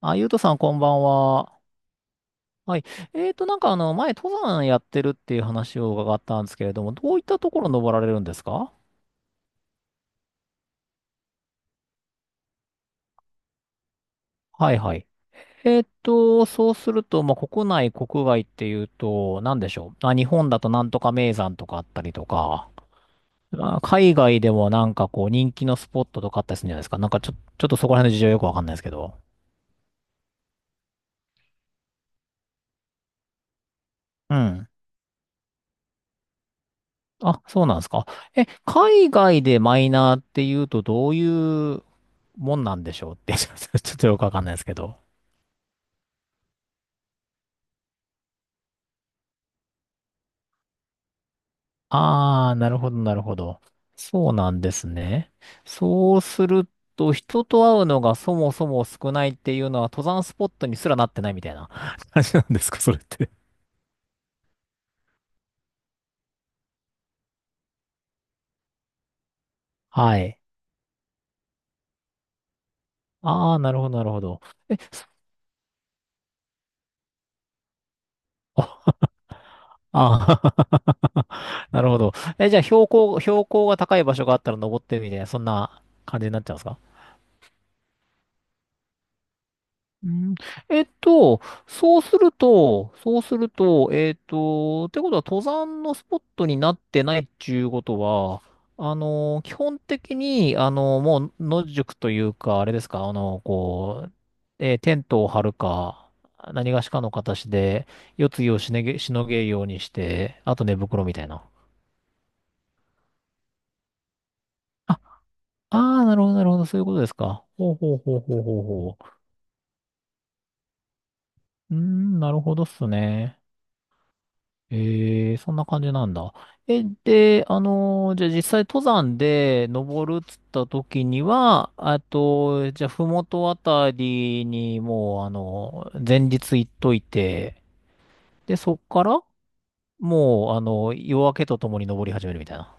あ、ゆうとさん、こんばんは。はい。前、登山やってるっていう話を伺ったんですけれども、どういったところ登られるんですか？はいはい。そうすると、まあ、国内、国外っていうと、なんでしょう。あ、日本だとなんとか名山とかあったりとか、あ、海外でもなんかこう、人気のスポットとかあったりするんじゃないですか。なんか、ちょっとそこら辺の事情よくわかんないですけど。うん。あ、そうなんですか。え、海外でマイナーっていうとどういうもんなんでしょうって ちょっとよくわかんないですけど。ああ、なるほど、なるほど。そうなんですね。そうすると、人と会うのがそもそも少ないっていうのは登山スポットにすらなってないみたいな 感じなんですか、それって。はい。ああ、なるほど、なるほど。え、あ、ああ なるほど。え、じゃあ標高が高い場所があったら登ってるみたいな、そんな感じになっちゃうんですか？うん、えっと、そうすると、ってことは登山のスポットになってないっていうことは、あの、基本的に、あの、もう野宿というか、あれですか、あの、こう、えーテントを張るか、何がしかの形で、夜露をしのげ、しのげるようにして、あと寝袋みたいな。あ、ああなるほど、なるほど、そういうことですか。ほうほうほうほうほうほう。うーん、なるほどっすね。ええ、そんな感じなんだ。え、で、じゃあ実際登山で登るっつった時には、あと、じゃあ、ふもとあたりにもう、あの、前日行っといて、で、そっから、もう、あの、夜明けとともに登り始めるみたいな。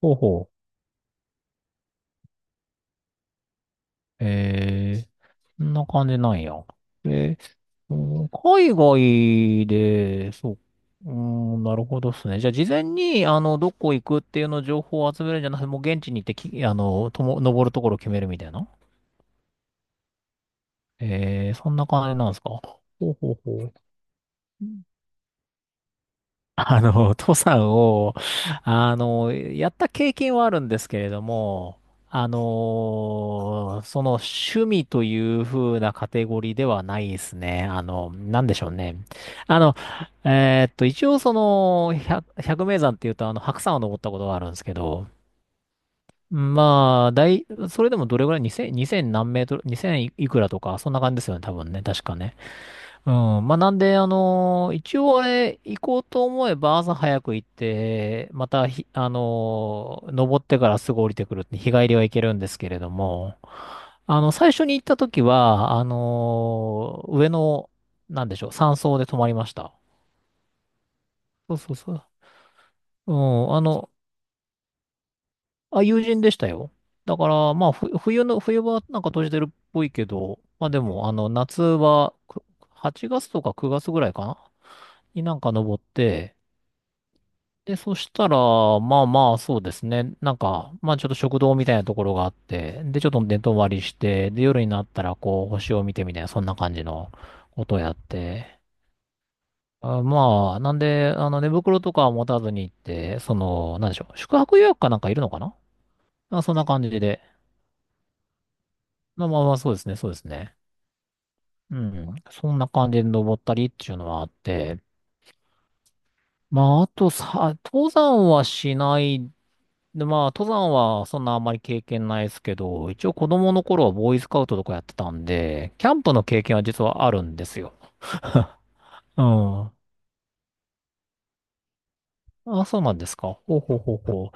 ほうほう。ええ、そんな感じなんや。え、うん、海外で、そう、うん、なるほどですね。じゃあ、事前に、あの、どこ行くっていうの情報を集めるんじゃなくて、もう現地に行ってき、あの、とも、登るところを決めるみたいな。えー、そんな感じなんですか。ほうほうほう。あの、登山を、あの、やった経験はあるんですけれども、あの、その趣味という風なカテゴリーではないですね。あの、なんでしょうね。あの、一応その、百名山っていうと、あの、白山を登ったことがあるんですけど、まあ、大、それでもどれぐらい、2000何メートル、2000いくらとか、そんな感じですよね、多分ね、確かね。うん。まあ、なんで、一応あれ、行こうと思えば朝早く行って、またひ、あのー登ってからすぐ降りてくるって日帰りは行けるんですけれども、あの、最初に行った時は、あのー上の、なんでしょう、山荘で泊まりました。そうそうそう。うん、あの、あ、友人でしたよ。だから、まあ、ふ冬の、冬はなんか閉じてるっぽいけど、まあでも、あの、夏はく8月とか9月ぐらいかなになんか登って、で、そしたら、まあまあ、そうですね。なんか、まあちょっと食堂みたいなところがあって、で、ちょっと寝泊まりして、で、夜になったら、こう、星を見てみたいな、そんな感じのことをやって、あ、まあ、なんで、あの、寝袋とかは持たずに行って、その、なんでしょう、宿泊予約かなんかいるのかな？まあ、そんな感じで。まあまあまあ、そうですね、そうですね。うん。そんな感じで登ったりっていうのはあって、まあ、あとさ、登山はしないで、まあ、登山はそんなあんまり経験ないですけど、一応子供の頃はボーイスカウトとかやってたんで、キャンプの経験は実はあるんですよ。うん。あ、そうなんですか。ほうほうほうほ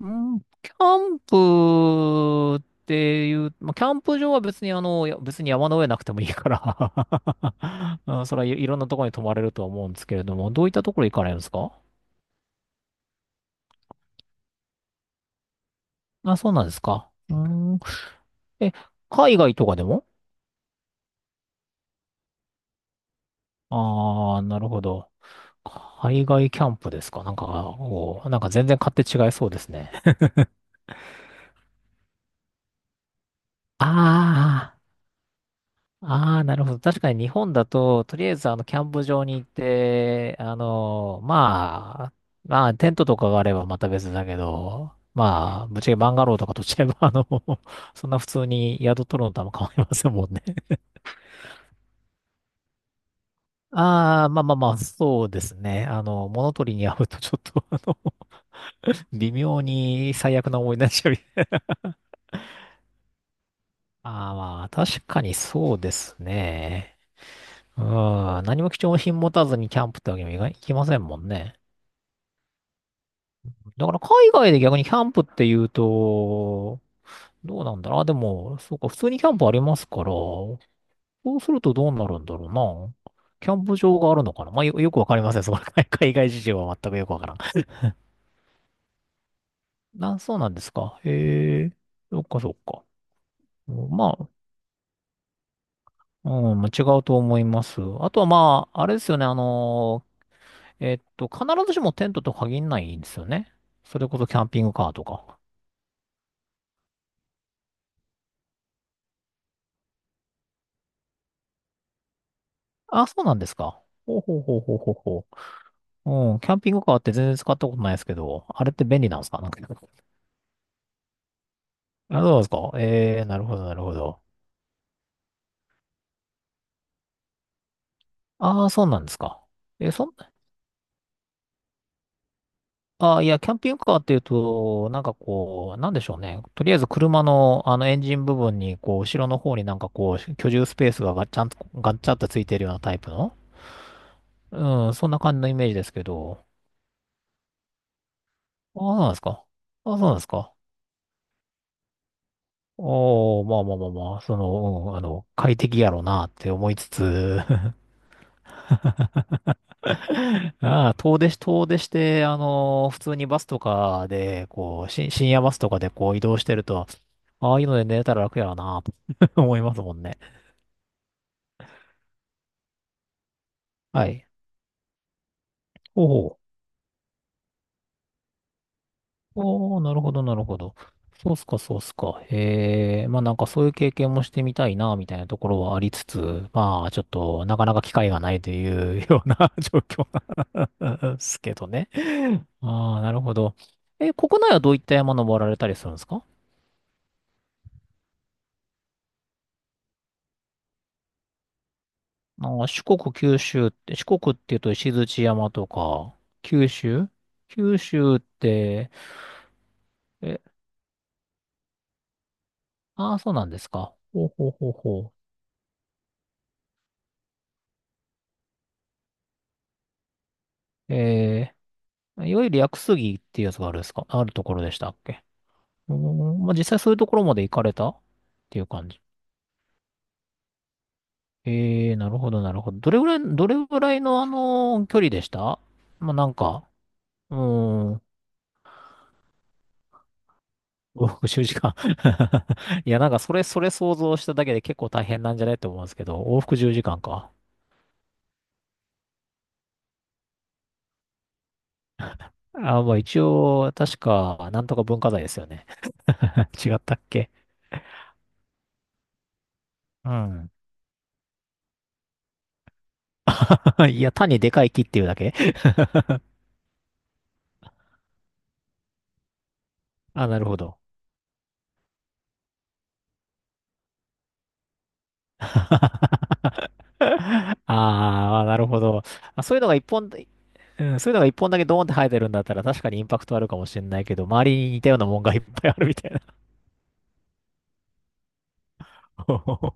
う。うん、キャンプっていう、まあ、キャンプ場は別にあの、いや別に山の上なくてもいいから うん、それはい、いろんなところに泊まれるとは思うんですけれども、どういったところ行かれるんですか？あ、そうなんですか。うん。え、海外とかでも？ああー、なるほど。海外キャンプですかなんか、おーなんか全然勝手違いそうですね。ああ、ああ、なるほど。確かに日本だと、とりあえずあの、キャンプ場に行って、あの、まあ、まあ、テントとかがあればまた別だけど、まあ、ぶっちゃけバンガローとかとっちゃえば、あの、そんな普通に宿取るのとあんま変わりませんもんね。ああ、まあまあまあ、そうですね。あの、物取りに会うとちょっと、あの、微妙に最悪な思い出しちゃう。ああ、まあ、確かにそうですね。うん、何も貴重品持たずにキャンプってわけにもいかいきませんもんね。だから海外で逆にキャンプって言うと、どうなんだろう。あ、でも、そうか、普通にキャンプありますから、そうするとどうなるんだろうな。キャンプ場があるのかな？まあ、よくわかりません。その海 海外事情は全くよくわからん。な、そうなんですか。へえ、そっかそっか。まあ、うん、まあ違うと思います。あとはまあ、あれですよね、あの必ずしもテントと限らないんですよね。それこそキャンピングカーとか。あ、そうなんですか。ほうほうほうほうほうほう。うん、キャンピングカーって全然使ったことないですけど、あれって便利なんですかなんか。あ、そうなんですか。えー、なるほど、なるほど。ああ、そうなんですか。え、そん、ああ、いや、キャンピングカーっていうと、なんかこう、なんでしょうね。とりあえず車の、あの、エンジン部分に、こう、後ろの方になんかこう、居住スペースがガッチャンとついてるようなタイプの、うん、そんな感じのイメージですけど、ああ、そうなんですか。ああ、そうなんですか。おおまあまあまあまあ、その、うん、あの、快適やろうなって思いつつ、ああ、遠出して、あの、普通にバスとかで、深夜バスとかでこう移動してると、ああいうので寝れたら楽やろうなと 思いますもんね。はい。おお。おー、なるほど、なるほど。そうっすか、そうっすか。へえ、まあなんかそういう経験もしてみたいな、みたいなところはありつつ、まあちょっとなかなか機会がないというような 状況なんですけどね。ああ、なるほど。え、国内はどういった山登られたりするんですか？あー四国、九州って、四国っていうと石鎚山とか、九州九州って、え、ああ、そうなんですか。ほうほうほうほう。えーいわゆる屋久杉っていうやつがあるですかあるところでしたっけ？うーん、まあ、実際そういうところまで行かれたっていう感じ。ええー、なるほど、なるほど。どれぐらい、どれぐらいのあの、距離でした？まあ、なんか、うーん、5、6 10時間？ いや、なんかそれ、想像しただけで結構大変なんじゃないと思うんですけど、往復10時間かんか。あ、まあ一応、確か、なんとか文化財ですよね。違ったっけ？うん。いや、単にでかい木っていうだけ？ あ、なるほど。あ あー、なるほど。まあ、そういうのが一本で、うん、そういうのが一本だけドーンって生えてるんだったら確かにインパクトあるかもしれないけど、周りに似たようなもんがいっぱいあるみたいな。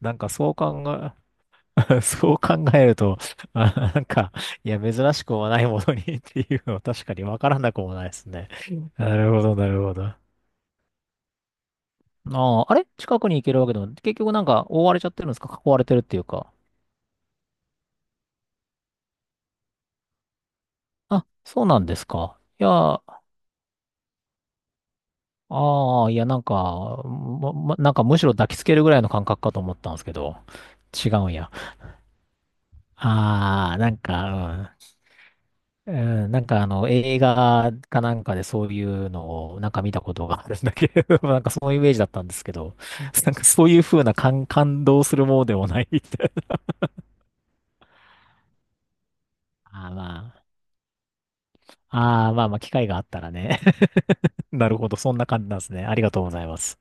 なんかそう考え、そう考えると、まあ、なんか、いや、珍しくもないものに っていうのは確かにわからなくもないですね。なるほど、なるほど。ああ、あれ近くに行けるわけでも、結局なんか覆われちゃってるんですか囲われてるっていうか。あ、そうなんですか。いや、ああ、いや、なんか、まなんかむしろ抱きつけるぐらいの感覚かと思ったんですけど、違うんや。ああ、なんか、うん、うんなんかあの、映画かなんかでそういうのをなんか見たことがあるんだけど、なんかそのイメージだったんですけど、なんかそういう風な感動するものでもないみたいな。あーまあ、ああ、まあまあ、機会があったらね。なるほど、そんな感じなんですね。ありがとうございます。